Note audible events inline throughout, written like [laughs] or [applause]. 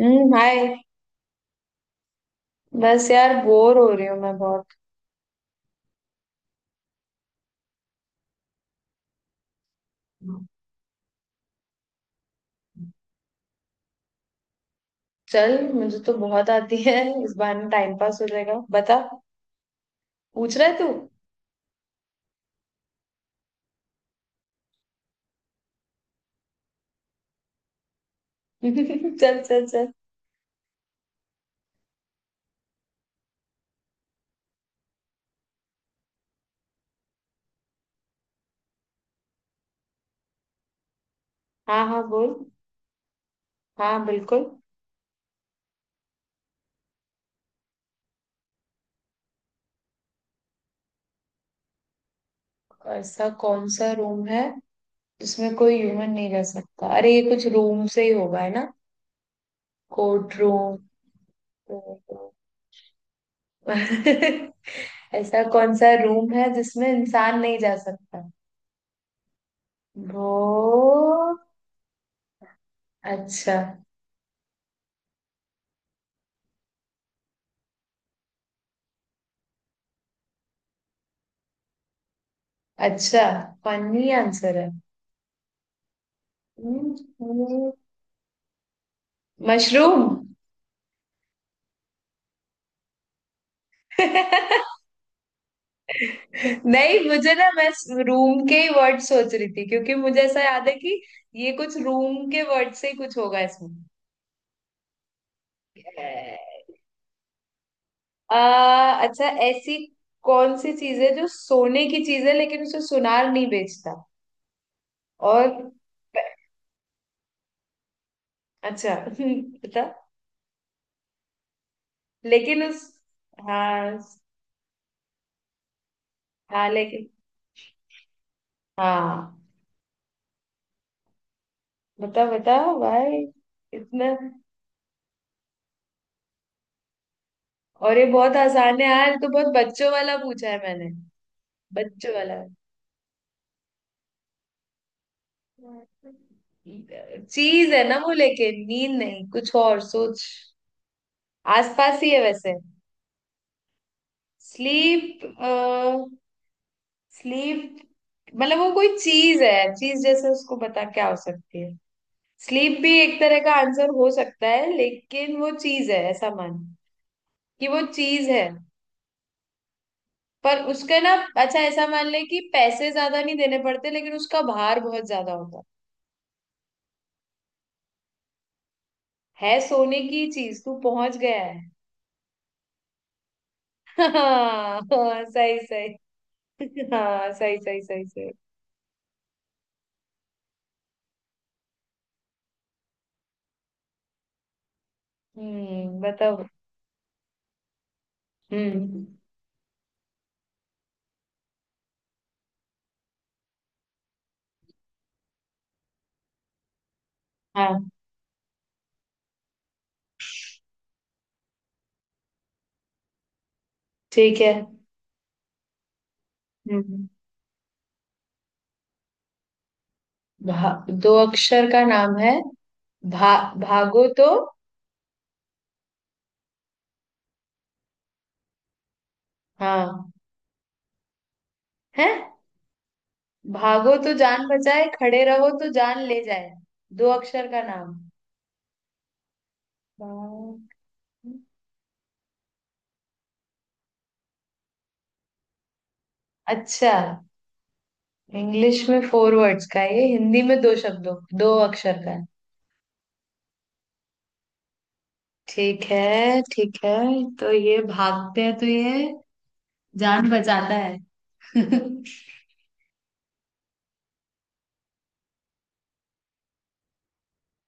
हम्म, hi. बस यार bore हो रही हूँ मैं बहुत। चल, मुझे तो बहुत आती है। इस बहाने टाइम पास हो जाएगा, बता। पूछ रहा है तू? [laughs] चल चल चल। हाँ हाँ, बोल। हाँ बिल्कुल। ऐसा कौन सा रूम है जिसमें कोई ह्यूमन नहीं रह सकता? अरे ये कुछ रूम से ही होगा, है ना। Court room. [laughs] ऐसा कौन सा रूम है जिसमें इंसान नहीं जा सकता? वो, अच्छा। अच्छा, फनी आंसर है। हम्म, मशरूम। [laughs] नहीं, मुझे ना, मैं रूम के ही वर्ड सोच रही थी क्योंकि मुझे ऐसा याद है कि ये कुछ रूम के वर्ड से ही कुछ होगा इसमें। आ, अच्छा, ऐसी कौन सी चीज है जो सोने की चीज है लेकिन उसे सुनार नहीं बेचता? और। अच्छा [laughs] बता। लेकिन उस, हाँ हाँ, लेकिन। हाँ, बता बता भाई। इतना। और ये बहुत आसान है यार, तो बहुत बच्चों वाला पूछा है मैंने। बच्चों वाला। चीज है ना वो, लेकिन नींद नहीं, कुछ और सोच। आसपास ही है वैसे। स्लीप। स्लीप। मतलब वो कोई चीज है, चीज। जैसे उसको बता क्या हो सकती है। स्लीप भी एक तरह का आंसर हो सकता है, लेकिन वो चीज है, ऐसा मान कि वो चीज है। पर उसके ना। अच्छा, ऐसा मान ले कि पैसे ज्यादा नहीं देने पड़ते लेकिन उसका भार बहुत ज्यादा होता है। है सोने की चीज, तू पहुंच गया है। [laughs] हाँ हाँ, सही सही। [laughs] हाँ, सही सही सही सही। हम्म, बताओ। हम्म। हाँ, ठीक है। हम्म। दो अक्षर का नाम है। भागो तो। हाँ। है। भागो तो जान बचाए, खड़े रहो तो जान ले जाए। दो अक्षर का नाम। भाग- अच्छा। इंग्लिश में फोर वर्ड्स का है, ये हिंदी में दो शब्दों, दो अक्षर का। ठीक है ठीक है। तो ये भागते हैं तो ये जान बचाता है। [laughs]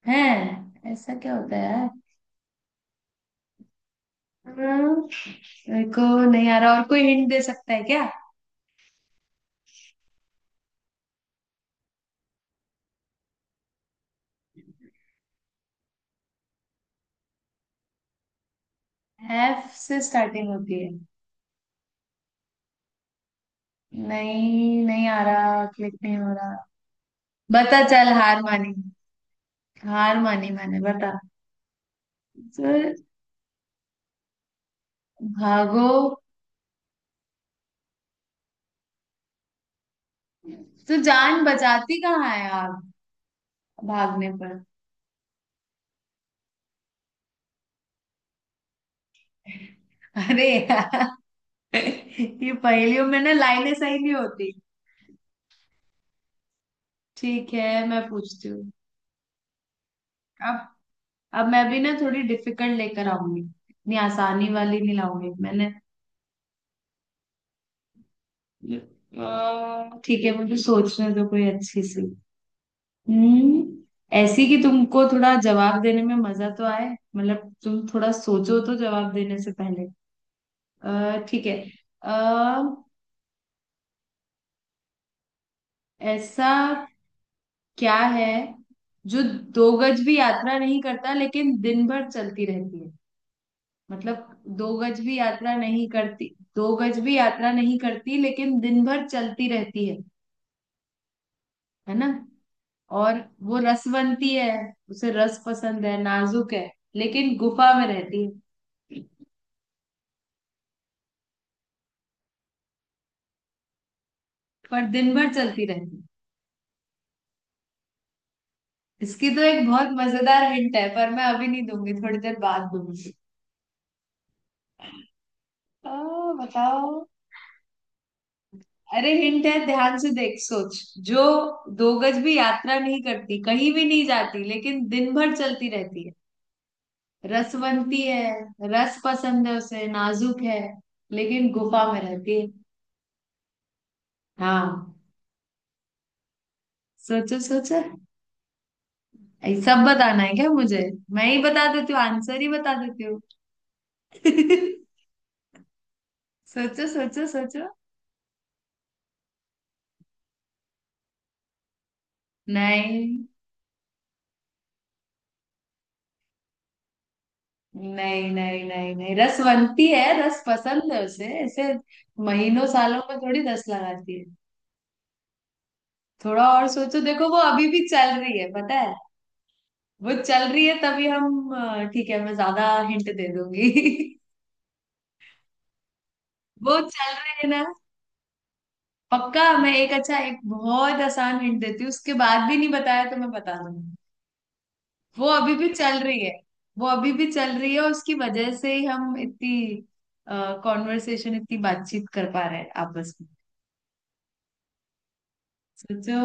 है, ऐसा क्या होता है यार। हम्म, मेरे को नहीं आ रहा, और कोई हिंट दे सकता है क्या? एफ से स्टार्टिंग होती है। नहीं, नहीं आ रहा, क्लिक नहीं हो रहा। बता, चल हार मानी। हार मानी मैंने, बता। सर। भागो। तू जान बचाती कहाँ है, आप? भागने पर। [laughs] अरे यार। [laughs] ये पहेलियों में ना लाइनें सही नहीं होती। ठीक है, मैं पूछती हूँ। अब अब मैं भी ना थोड़ी डिफिकल्ट लेकर आऊंगी, इतनी आसानी वाली नहीं लाऊंगी मैंने। ठीक है, मुझे सोचने दो कोई अच्छी सी। हम्म। ऐसी कि तुमको थोड़ा जवाब देने में मजा तो आए। मतलब तुम थोड़ा सोचो तो जवाब देने से पहले। ठीक है। अ, ऐसा क्या है जो दो गज भी यात्रा नहीं करता लेकिन दिन भर चलती रहती है? मतलब दो गज भी यात्रा नहीं करती। दो गज भी यात्रा नहीं करती लेकिन दिन भर चलती रहती है ना। और वो रसवंती है। उसे रस पसंद है, नाजुक है। लेकिन गुफा में रहती है। पर दिन भर चलती रहती है। इसकी तो एक बहुत मजेदार हिंट है, पर मैं अभी नहीं दूंगी, थोड़ी देर बाद दूंगी। आ, बताओ। अरे हिंट है, ध्यान से देख, सोच। जो दो गज भी यात्रा नहीं करती, कहीं भी नहीं जाती, लेकिन दिन भर चलती रहती है। रसवंती है। रस पसंद है उसे, नाजुक है। लेकिन गुफा में रहती है। हाँ। सोचो सोचो। ये सब बताना है क्या मुझे? मैं ही बता देती हूँ, आंसर ही बता देती हूँ। [laughs] सोचो सोचो सोचो। नहीं नहीं नहीं नहीं नहीं, रसवंती है, रस पसंद है उसे, ऐसे महीनों सालों में थोड़ी रस लगाती है। थोड़ा और सोचो, देखो वो अभी भी चल रही है, पता है। वो चल रही है तभी हम, ठीक है, मैं ज्यादा हिंट दे दूंगी। [laughs] वो चल रहे हैं ना। पक्का, मैं एक अच्छा, एक बहुत आसान हिंट देती हूँ, उसके बाद भी नहीं बताया तो मैं बता दूंगी। वो अभी भी चल रही है। वो अभी भी चल रही है, और उसकी वजह से ही हम इतनी कॉन्वर्सेशन, इतनी बातचीत कर पा रहे हैं आपस में। सोचो।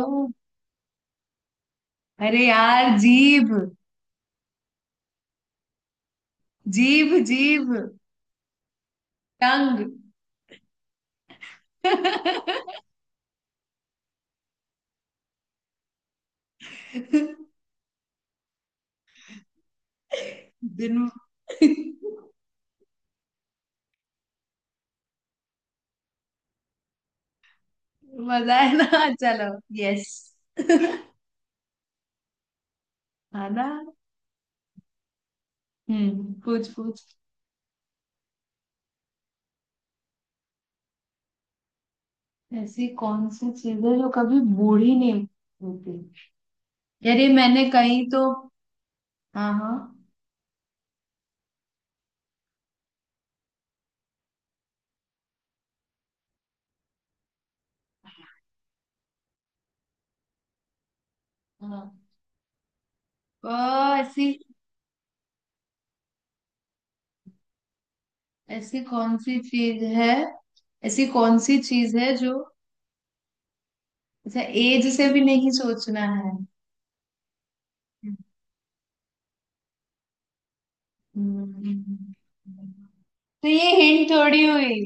अरे यार, जीभ। जीभ जीभ। टंग। [laughs] दिन। मजा है ना। चलो। यस। [laughs] हाँ ना। पूछ पूछ। ऐसी कौन सी चीज है जो कभी बूढ़ी नहीं होती? यार ये मैंने कहीं तो। हाँ हाँ। हाँ। ऐसी। ऐसी कौन सी चीज है? ऐसी कौन सी चीज है जो? अच्छा, एज से भी नहीं सोचना है। हम्म। तो ये हिंट थोड़ी हुई।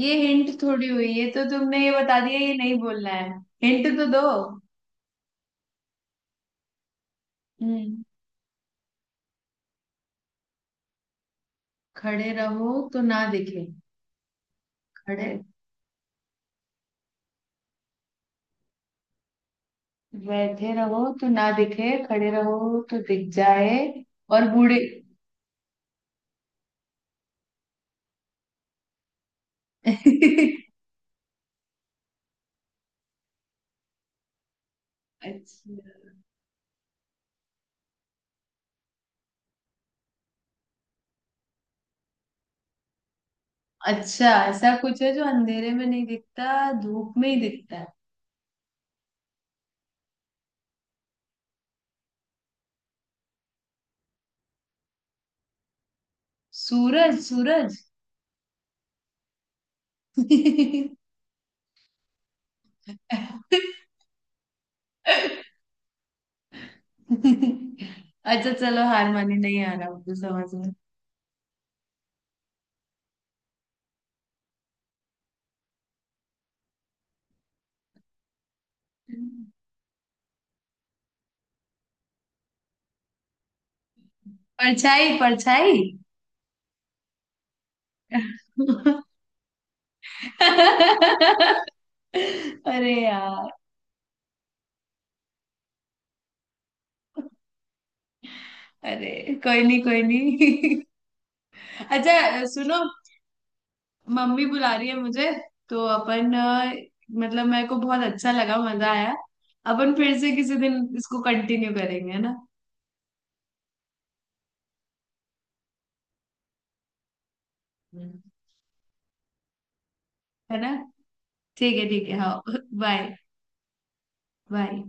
ये हिंट थोड़ी हुई, ये तो तुमने ये बता दिया ये नहीं बोलना है। हिंट तो दो। हम्म। खड़े रहो तो ना दिखे। खड़े, बैठे रहो तो ना दिखे, खड़े रहो तो दिख जाए। और बूढ़े। [laughs] अच्छा। अच्छा, ऐसा कुछ है जो अंधेरे में नहीं दिखता, धूप में ही दिखता है। सूरज सूरज। [laughs] अच्छा, चलो हार मानी, नहीं आ रहा मुझे समझ में। परछाई परछाई। [laughs] अरे यार। अरे कोई नहीं, कोई नहीं। अच्छा। सुनो। मम्मी बुला रही है मुझे। तो अपन, मतलब मेरे को बहुत अच्छा लगा, मजा आया। अपन फिर से किसी दिन इसको कंटिन्यू करेंगे, है ना। हम्म। है ना। ठीक है ठीक है, हाँ। [laughs] बाय। बाय।